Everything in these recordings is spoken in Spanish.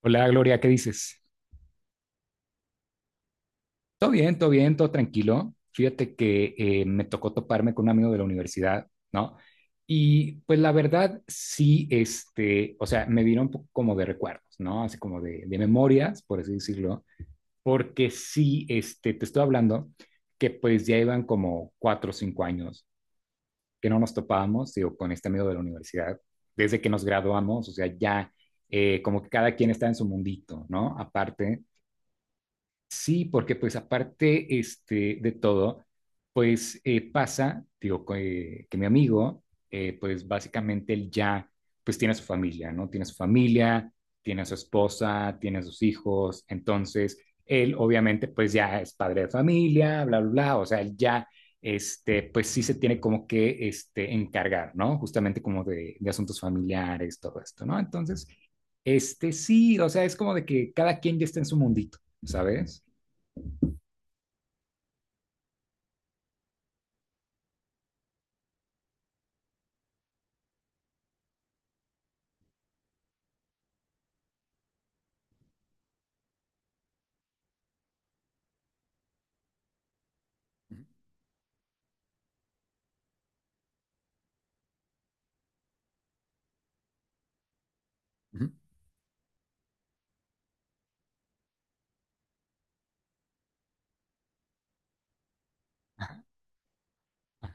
Hola Gloria, ¿qué dices? Todo bien, todo bien, todo tranquilo. Fíjate que me tocó toparme con un amigo de la universidad, ¿no? Y pues la verdad sí, este, o sea, me vino un poco como de recuerdos, ¿no? Así como de memorias, por así decirlo, porque sí, este, te estoy hablando que pues ya iban como 4 o 5 años que no nos topábamos, digo, con este amigo de la universidad, desde que nos graduamos, o sea, ya como que cada quien está en su mundito, ¿no? Aparte. Sí, porque pues aparte este, de todo, pues pasa, digo, que mi amigo, pues básicamente él ya, pues tiene a su familia, ¿no? Tiene a su familia, tiene a su esposa, tiene a sus hijos, entonces él obviamente pues ya es padre de familia, bla, bla, bla, o sea, él ya, este, pues sí se tiene como que, este, encargar, ¿no? Justamente como de asuntos familiares, todo esto, ¿no? Entonces, este, sí, o sea, es como de que cada quien ya está en su mundito. ¿Sabes? Ujú, ujú, ajá.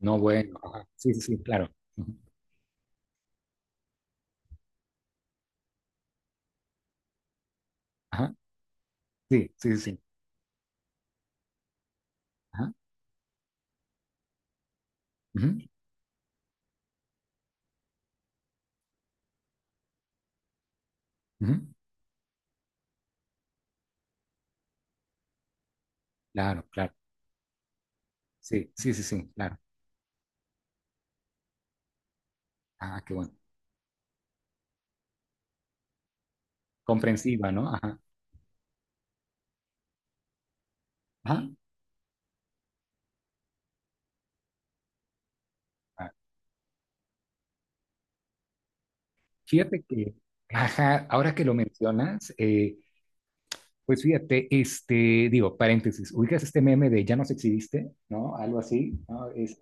No, bueno, ajá. Sí, sí, sí, claro. Ujú, ajá. Sí, sí, sí, sí. Ajá. Ujú, ujú, claro, claro. Sí, sí, sí, sí, claro. Ah, qué bueno. Comprensiva, ¿no? Ajá. Ajá. Ah, fíjate que, ajá, ahora que lo mencionas, pues fíjate, este, digo, paréntesis, ubicas este meme de ya nos exhibiste, ¿no? Algo así, ¿no? Es,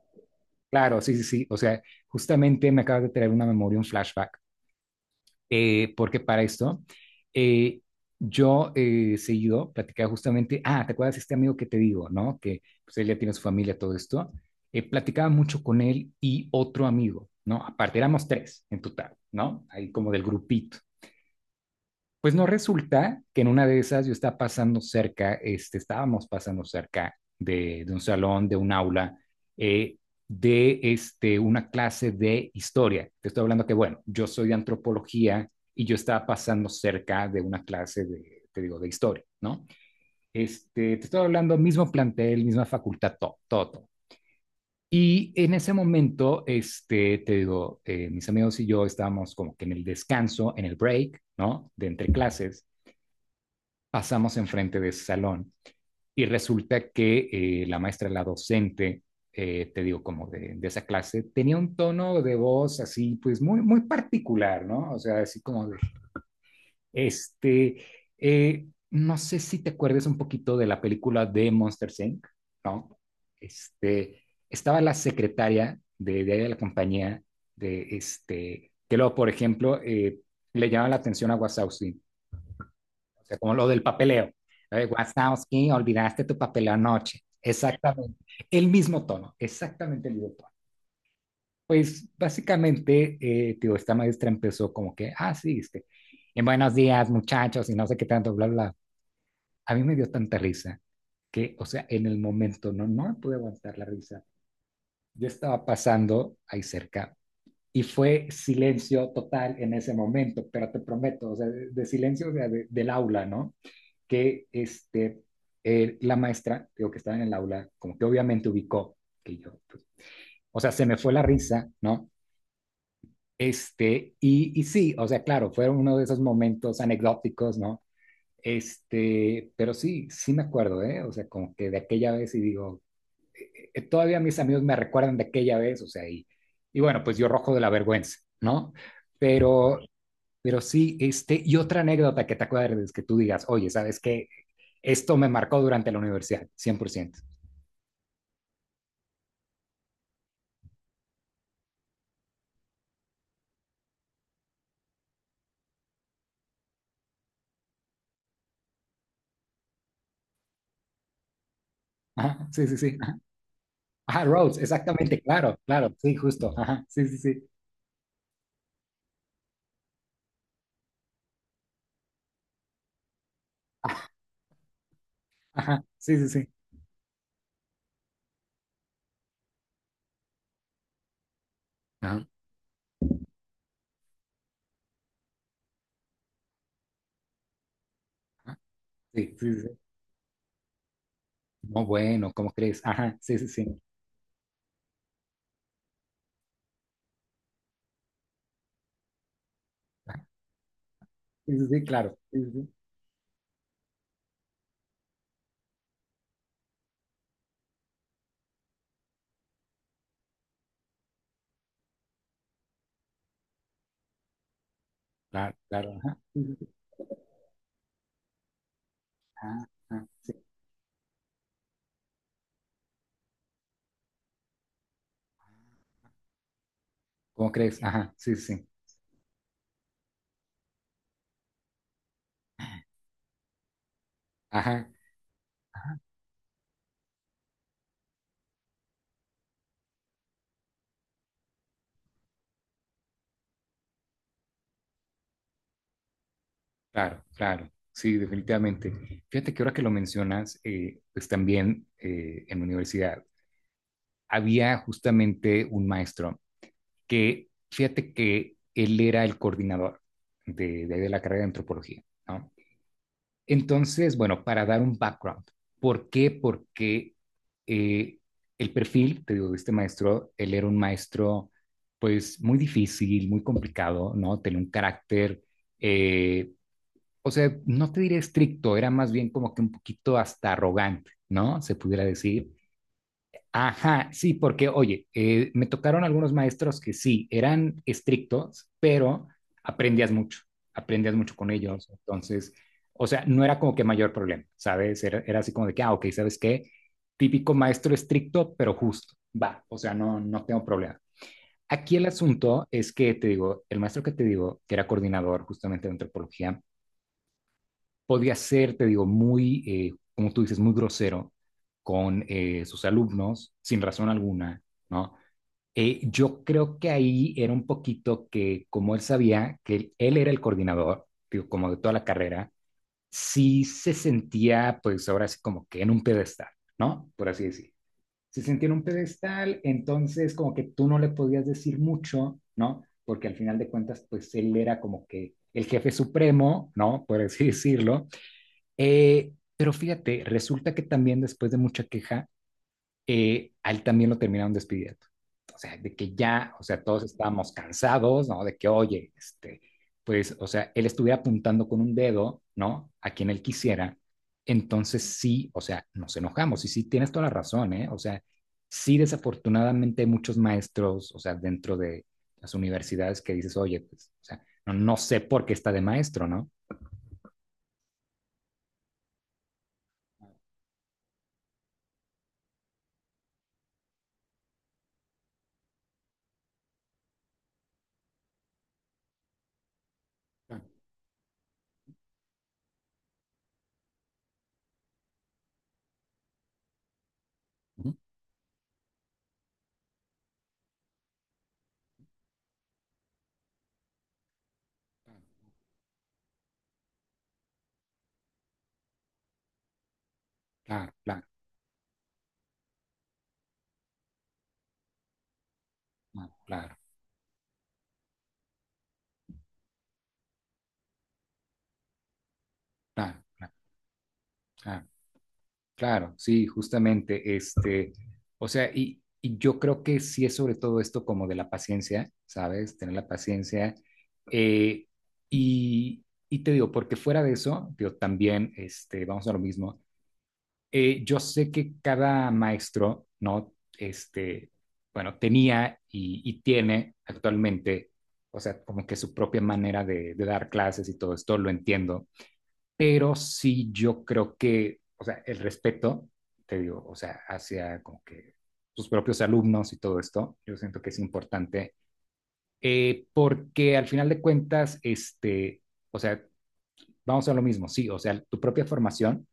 claro, sí, sí, sí. O sea, justamente me acabas de traer una memoria, un flashback. Porque para esto eh, yo seguido platicaba justamente, ah, ¿te acuerdas de este amigo que te digo, no? Que pues él ya tiene su familia, todo esto. Platicaba mucho con él y otro amigo, ¿no? Aparte éramos tres en total, ¿no? Ahí como del grupito. Pues no resulta que en una de esas yo estaba pasando cerca, este, estábamos pasando cerca de un salón, de un aula, eh, de este, una clase de historia. Te estoy hablando que, bueno, yo soy de antropología y yo estaba pasando cerca de una clase de, te digo, de historia, ¿no? Este, te estoy hablando mismo plantel, misma facultad, todo, todo, todo. Y en ese momento, este, te digo, mis amigos y yo estábamos como que en el descanso, en el break, ¿no? De entre clases pasamos enfrente de ese salón y resulta que la maestra, la docente, te digo, como de esa clase, tenía un tono de voz así, pues muy, muy particular, ¿no? O sea, así como de, este, no sé si te acuerdas un poquito de la película de Monster Inc., ¿no? Este, estaba la secretaria de la compañía, de este, que luego, por ejemplo, le llamaba la atención a Wasowski, o sea, como lo del papeleo. Wazowski, olvidaste tu papeleo anoche. Exactamente. El mismo tono, exactamente el mismo tono. Pues básicamente, tío, esta maestra empezó como que, ah, sí, este, en buenos días, muchachos, y no sé qué tanto, bla, bla. A mí me dio tanta risa que, o sea, en el momento no me pude aguantar la risa. Yo estaba pasando ahí cerca y fue silencio total en ese momento, pero te prometo, o sea, de silencio o sea, de, del aula, ¿no? Que este, la maestra, digo, que estaba en el aula, como que obviamente ubicó que yo, pues, o sea, se me fue la risa, ¿no? Este, y sí, o sea, claro, fueron uno de esos momentos anecdóticos, ¿no? Este, pero sí, sí me acuerdo, ¿eh? O sea, como que de aquella vez y digo, todavía mis amigos me recuerdan de aquella vez, o sea, y bueno, pues yo rojo de la vergüenza, ¿no? Pero pero sí, este, y otra anécdota que te acuerdes, que tú digas, oye, ¿sabes qué? Esto me marcó durante la universidad, 100%. Ajá, sí, sí, sí. Ajá, ajá, Rhodes, exactamente, claro, claro, sí, justo. Ajá, sí, sí, sí. Ajá, sí, sí, sí. Ajá, ajá, sí, sí, sí. Sí. No, bueno, ¿cómo crees? Ajá, sí, sí, sí. Ajá, sí, sí, sí, claro. Sí, sí, sí. Claro, claro, ajá. Sí, sí, sí. Ajá, ajá, sí. ¿Cómo crees? Ajá, sí, sí. Sí. Ajá. Claro, claro, sí, definitivamente. Fíjate que ahora que lo mencionas, pues también en la universidad había justamente un maestro que, fíjate que él era el coordinador de ahí de la carrera de antropología, ¿no? Entonces, bueno, para dar un background, ¿por qué? Porque eh, el perfil, te digo, de este maestro, él era un maestro pues muy difícil, muy complicado, ¿no? Tenía un carácter... eh, o sea, no te diré estricto, era más bien como que un poquito hasta arrogante, ¿no? Se pudiera decir. Ajá, sí, porque, oye, me tocaron algunos maestros que sí, eran estrictos, pero aprendías mucho, aprendías mucho con ellos. Entonces, o sea, no era como que mayor problema, ¿sabes? Era, era así como de que, ah, ok, ¿sabes qué? Típico maestro estricto, pero justo, va, o sea, no tengo problema. Aquí el asunto es que, te digo, el maestro que te digo, que era coordinador justamente de antropología, podía ser, te digo, muy, como tú dices, muy grosero con sus alumnos, sin razón alguna, ¿no? Yo creo que ahí era un poquito que, como él sabía que él era el coordinador, digo, como de toda la carrera, sí se sentía, pues ahora sí, como que en un pedestal, ¿no? Por así decir. Se sentía en un pedestal, entonces como que tú no le podías decir mucho, ¿no? Porque al final de cuentas, pues él era como que el jefe supremo, ¿no? Por así decirlo. Pero fíjate, resulta que también después de mucha queja, a él también lo terminaron despidiendo. O sea, de que ya, o sea, todos estábamos cansados, ¿no? De que, oye, este, pues, o sea, él estuviera apuntando con un dedo, ¿no? A quien él quisiera. Entonces sí, o sea, nos enojamos y sí, tienes toda la razón, ¿eh? O sea, sí, desafortunadamente hay muchos maestros, o sea, dentro de las universidades que dices, oye, pues, o sea, no sé por qué está de maestro, ¿no? Claro, ujú, claro. Claro, claro. Ah, claro, claro, claro, claro, claro, sí, justamente, este, o sea, y yo creo que sí es sobre todo esto como de la paciencia, ¿sabes? Tener la paciencia. eh, y, y te digo, porque fuera de eso, yo también, este, vamos a lo mismo, yo sé que cada maestro, ¿no? Este, bueno, tenía y tiene actualmente, o sea, como que su propia manera de dar clases y todo esto, lo entiendo, pero sí yo creo que, o sea, el respeto, te digo, o sea, hacia como que sus propios alumnos y todo esto, yo siento que es importante, porque al final de cuentas, este, o sea, vamos a lo mismo, sí, o sea, tu propia formación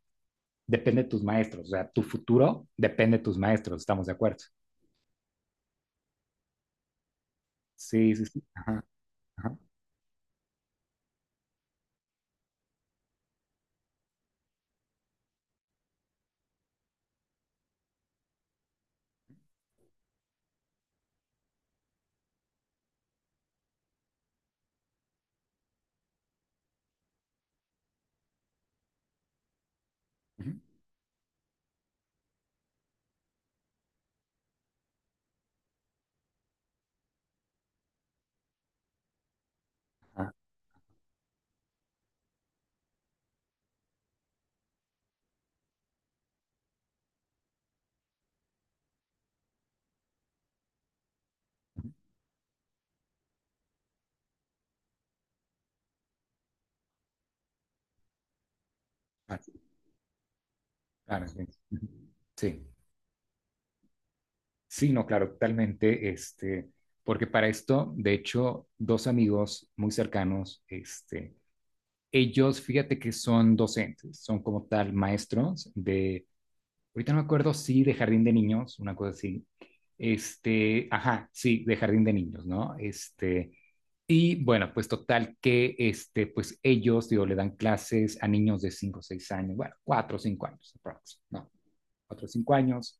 depende de tus maestros, o sea, tu futuro depende de tus maestros, estamos de acuerdo. Sí, sí, sí. Ajá, ajá, ujú, ajá, ujú. Ah, claro, sí. Ujú. Sí. Sí, no, claro, totalmente, este, porque para esto, de hecho, dos amigos muy cercanos, este, ellos, fíjate que son docentes, son como tal maestros de, ahorita no me acuerdo si de jardín de niños, una cosa así, este, ajá, sí, de jardín de niños, ¿no? Este, y bueno, pues total que, este, pues ellos, digo, le dan clases a niños de cinco, o 6 años, bueno, 4 o 5 años, aprox, ¿no? 4 o 5 años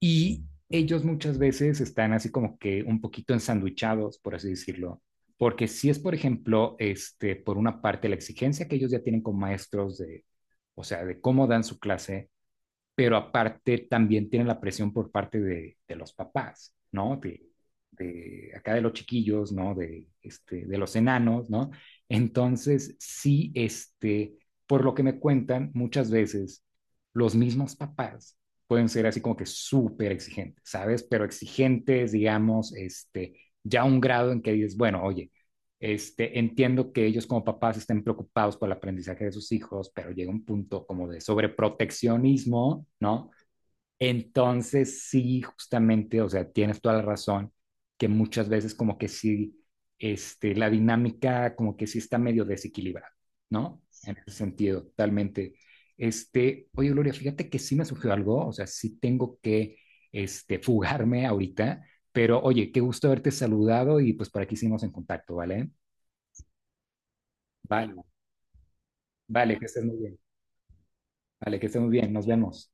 y ellos muchas veces están así como que un poquito ensanduchados, por así decirlo, porque si es, por ejemplo, este, por una parte la exigencia que ellos ya tienen con maestros de, o sea, de cómo dan su clase, pero aparte también tienen la presión por parte de los papás, ¿no? De acá de los chiquillos, ¿no? De, este, de los enanos, ¿no? Entonces, sí, este, por lo que me cuentan, muchas veces los mismos papás pueden ser así como que súper exigentes, ¿sabes? Pero exigentes, digamos, este, ya a un grado en que dices, bueno, oye, este, entiendo que ellos como papás estén preocupados por el aprendizaje de sus hijos, pero llega un punto como de sobreproteccionismo, ¿no? Entonces sí, justamente, o sea, tienes toda la razón, que muchas veces como que sí, este, la dinámica como que sí está medio desequilibrada, ¿no? En ese sentido, totalmente. Este, oye, Gloria, fíjate que sí me surgió algo, o sea, sí tengo que, este, fugarme ahorita, pero oye, qué gusto haberte saludado y pues por aquí seguimos en contacto, ¿vale? Vale, vale, que estés muy bien. Vale, que estés muy bien. Nos vemos.